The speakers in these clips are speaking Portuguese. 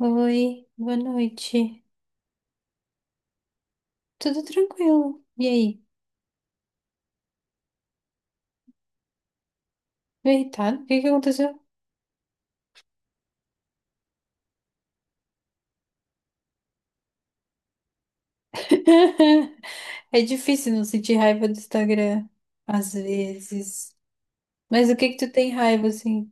Oi, boa noite. Tudo tranquilo? E aí? Tô irritado? O que que aconteceu? É difícil não sentir raiva do Instagram, às vezes. Mas o que que tu tem raiva, assim?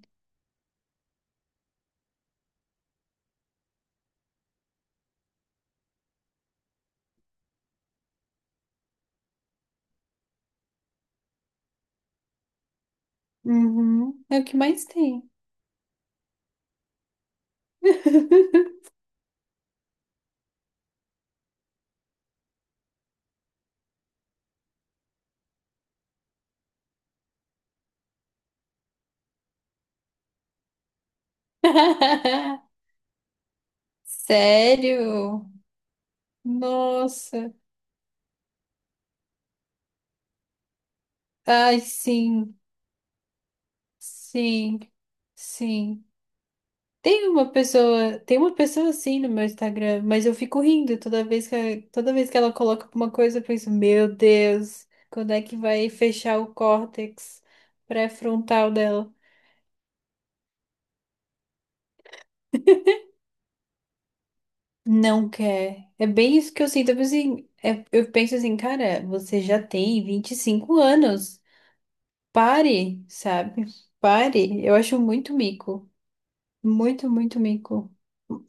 Uhum, é o que mais tem. Sério? Nossa. Ai, sim, sim, sim. Tem uma pessoa assim no meu Instagram, mas eu fico rindo toda vez que ela coloca alguma coisa, eu penso, meu Deus, quando é que vai fechar o córtex pré-frontal dela? Não quer. É bem isso que eu sinto. Eu penso assim, cara, você já tem 25 anos. Pare, sabe? Pare. Eu acho muito mico. Muito, muito mico.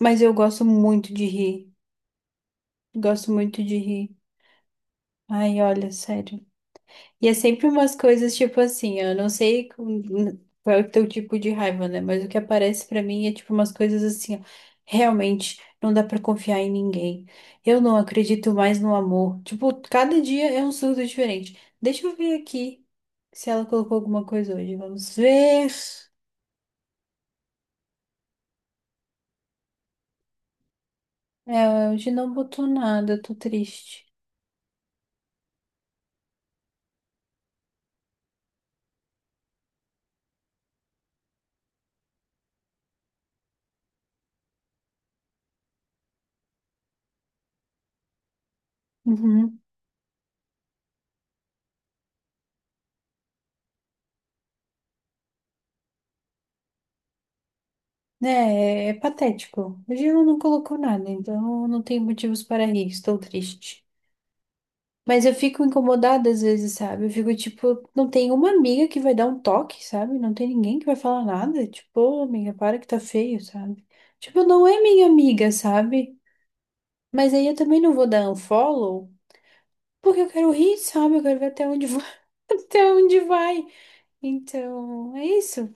Mas eu gosto muito de rir. Gosto muito de rir. Ai, olha, sério. E é sempre umas coisas tipo assim, eu não sei qual é o teu tipo de raiva, né? Mas o que aparece pra mim é tipo umas coisas assim, ó, realmente não dá pra confiar em ninguém. Eu não acredito mais no amor. Tipo, cada dia é um surdo diferente. Deixa eu ver aqui se ela colocou alguma coisa hoje. Vamos ver. É, hoje não botou nada, eu tô triste. Uhum. É patético. Hoje ela não colocou nada, então não tem motivos para rir, estou triste. Mas eu fico incomodada às vezes, sabe? Eu fico tipo, não tem uma amiga que vai dar um toque, sabe? Não tem ninguém que vai falar nada. Tipo, ô, amiga, para que tá feio, sabe? Tipo, não é minha amiga, sabe? Mas aí eu também não vou dar unfollow, porque eu quero rir, sabe? Eu quero ver até onde vai, até onde vai. Então, é isso.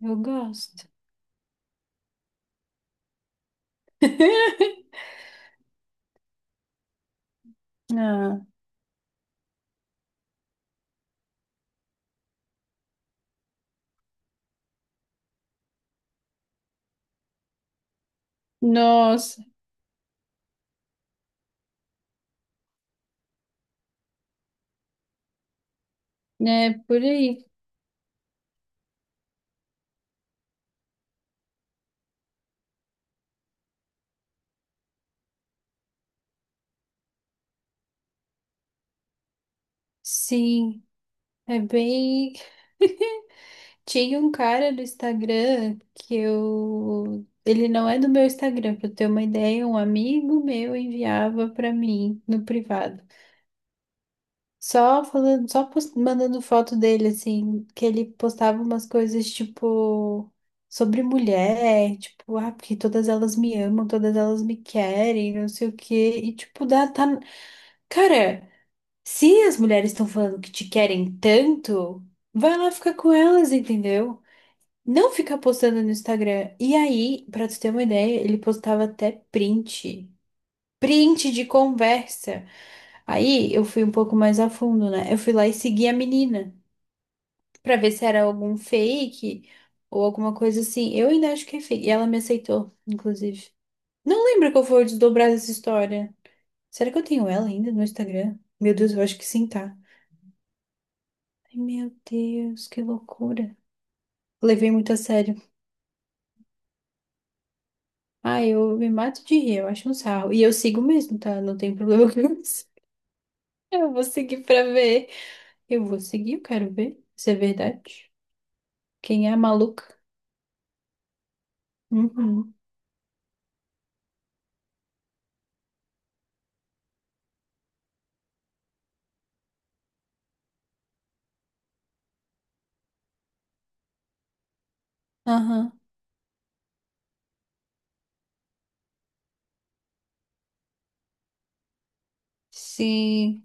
Eu gosto. Ah, nossa, né? Por aí. Sim, é bem. Tinha um cara do Instagram que eu. Ele não é do meu Instagram, pra eu ter uma ideia, um amigo meu enviava pra mim no privado. Só falando, mandando foto dele, assim, que ele postava umas coisas tipo sobre mulher, tipo, ah, porque todas elas me amam, todas elas me querem, não sei o quê. E tipo, dá, tá. Cara, se as mulheres estão falando que te querem tanto, vai lá ficar com elas, entendeu? Não ficar postando no Instagram. E aí, pra tu ter uma ideia, ele postava até print. Print de conversa. Aí eu fui um pouco mais a fundo, né? Eu fui lá e segui a menina pra ver se era algum fake ou alguma coisa assim. Eu ainda acho que é fake. E ela me aceitou, inclusive. Não lembro qual foi o desdobrar dessa história. Será que eu tenho ela ainda no Instagram? Meu Deus, eu acho que sim, tá. Ai, meu Deus, que loucura. Levei muito a sério. Ah, eu me mato de rir, eu acho um sarro. E eu sigo mesmo, tá? Não tem problema com isso. Eu vou seguir pra ver. Eu vou seguir, eu quero ver. Isso é verdade. Quem é a maluca? Uhum. Aham. Sim.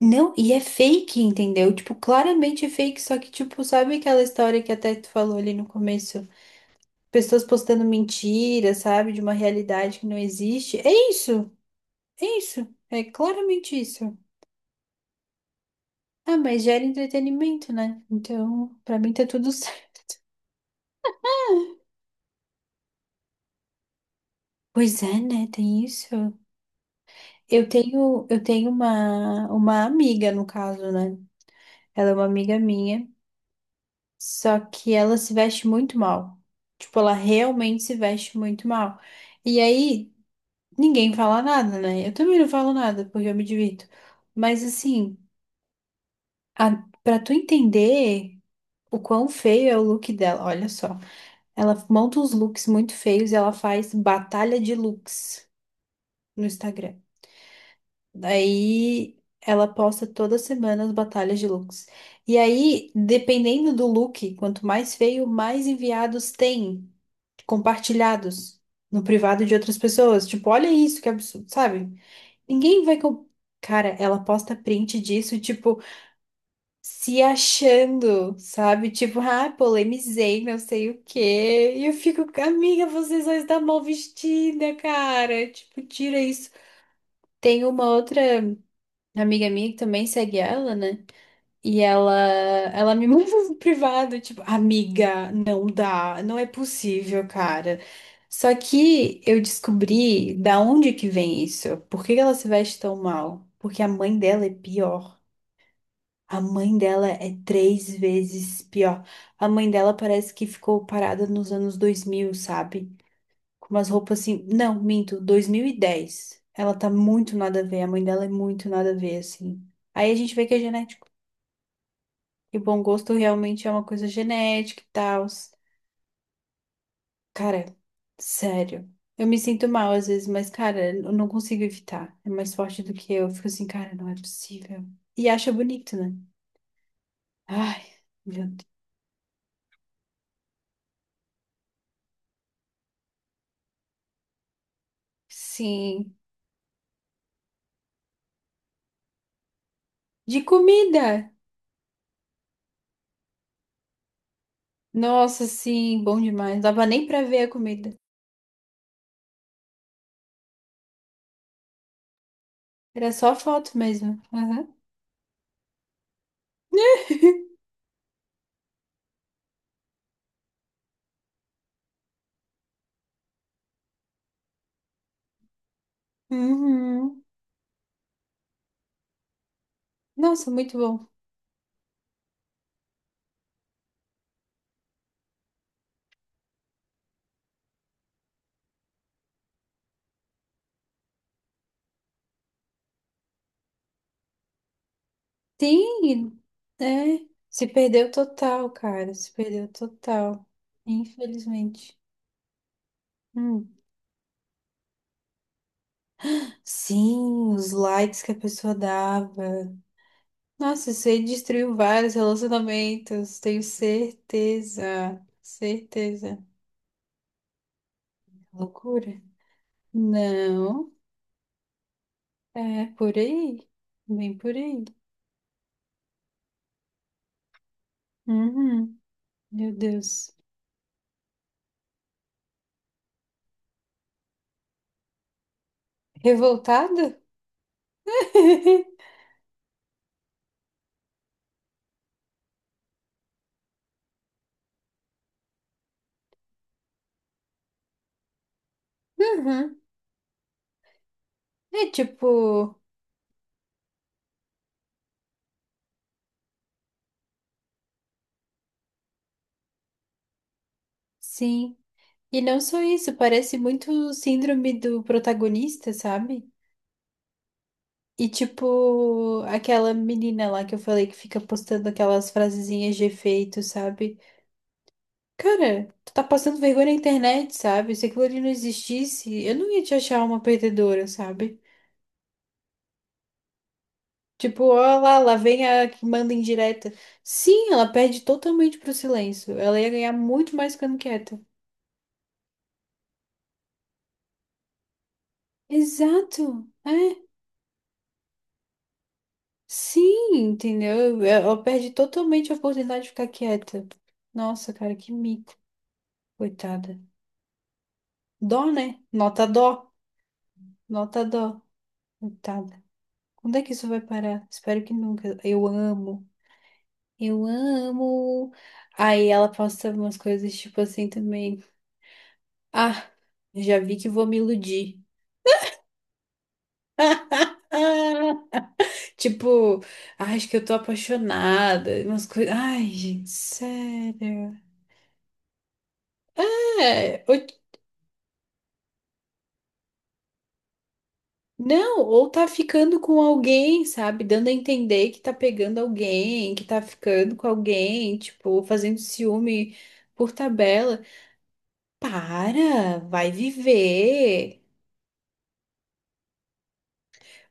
Não, e é fake, entendeu? Tipo, claramente é fake, só que, tipo, sabe aquela história que até tu falou ali no começo? Pessoas postando mentira, sabe? De uma realidade que não existe. É isso! É isso! É claramente isso. Ah, mas gera entretenimento, né? Então, pra mim tá tudo certo. Pois é, né? Tem isso. Eu tenho uma amiga, no caso, né? Ela é uma amiga minha, só que ela se veste muito mal. Tipo, ela realmente se veste muito mal. E aí, ninguém fala nada, né? Eu também não falo nada, porque eu me divirto. Mas assim, a, pra tu entender o quão feio é o look dela, olha só. Ela monta uns looks muito feios e ela faz batalha de looks no Instagram. Aí ela posta toda semana as batalhas de looks. E aí, dependendo do look, quanto mais feio, mais enviados tem compartilhados no privado de outras pessoas. Tipo, olha isso, que absurdo, sabe? Ninguém vai com. Cara, ela posta print disso, tipo, se achando, sabe? Tipo, ah, polemizei, não sei o quê. E eu fico, amiga, vocês só estão mal vestida, cara. Tipo, tira isso. Tem uma outra amiga minha que também segue ela, né? E ela me mandou no privado, tipo, amiga, não dá, não é possível, cara. Só que eu descobri da onde que vem isso. Por que que ela se veste tão mal? Porque a mãe dela é pior. A mãe dela é 3 vezes pior. A mãe dela parece que ficou parada nos anos 2000, sabe? Com umas roupas assim. Não, minto, 2010. Ela tá muito nada a ver, a mãe dela é muito nada a ver, assim. Aí a gente vê que é genético. E bom gosto realmente é uma coisa genética e tal. Cara, sério. Eu me sinto mal às vezes, mas, cara, eu não consigo evitar. É mais forte do que eu. Eu fico assim, cara, não é possível. E acha bonito, né? Ai, meu Deus. Sim. De comida! Nossa, sim, bom demais. Não dava nem pra ver a comida. Era só foto mesmo. Aham. Uhum. Nossa, muito bom. Sim, é. Se perdeu total, cara. Se perdeu total. Infelizmente. Hum. Sim, os likes que a pessoa dava. Nossa, isso aí destruiu vários relacionamentos. Tenho certeza. Certeza. Loucura. Não. É por aí. Bem por aí. Uhum. Meu Deus. Revoltada? Uhum. É tipo, sim. E não só isso, parece muito síndrome do protagonista, sabe? E tipo, aquela menina lá que eu falei que fica postando aquelas frasezinhas de efeito, sabe? Cara, tu tá passando vergonha na internet, sabe? Se aquilo ali não existisse, eu não ia te achar uma perdedora, sabe? Tipo, ó lá, lá vem a que manda indireta. Sim, ela perde totalmente pro silêncio. Ela ia ganhar muito mais ficando quieta. Exato. É Sim, entendeu? Eu perdi totalmente a oportunidade de ficar quieta. Nossa, cara, que mico, coitada. Dó, né? Nota dó, coitada. Quando é que isso vai parar? Espero que nunca. Eu amo, eu amo. Aí ela posta umas coisas tipo assim também. Ah, já vi que vou me iludir. Ah, tipo, "Ah, acho que eu tô apaixonada. Umas coisas. Ai, gente, sério. É, Não, ou tá ficando com alguém, sabe? Dando a entender que tá pegando alguém, que tá ficando com alguém, tipo, fazendo ciúme por tabela. Para, vai viver.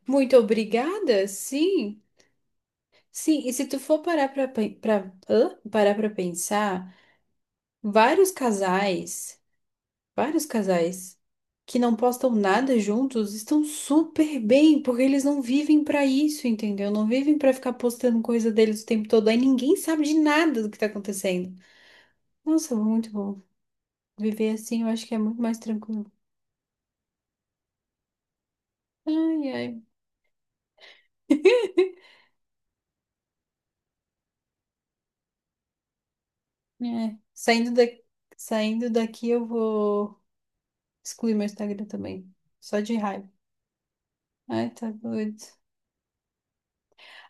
Muito obrigada, sim. Sim, e se tu for parar pra, pen- pra, hã? Parar pra pensar, vários casais. Vários casais que não postam nada juntos estão super bem, porque eles não vivem pra isso, entendeu? Não vivem pra ficar postando coisa deles o tempo todo. Aí ninguém sabe de nada do que tá acontecendo. Nossa, muito bom. Viver assim eu acho que é muito mais tranquilo. Ai, ai. É. Saindo daqui eu vou excluir meu Instagram também. Só de raiva. Ai, tá doido.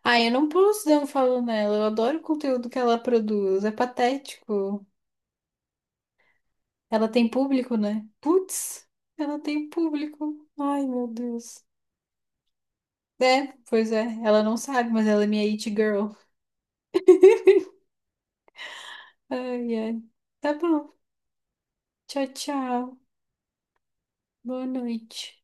Ah, eu não posso dar um follow nela. Eu adoro o conteúdo que ela produz. É patético. Ela tem público, né? Putz, ela tem público. Ai, meu Deus. É, pois é. Ela não sabe, mas ela é minha it girl. Ai, ai. Tá bom. Tchau, tchau. Boa noite.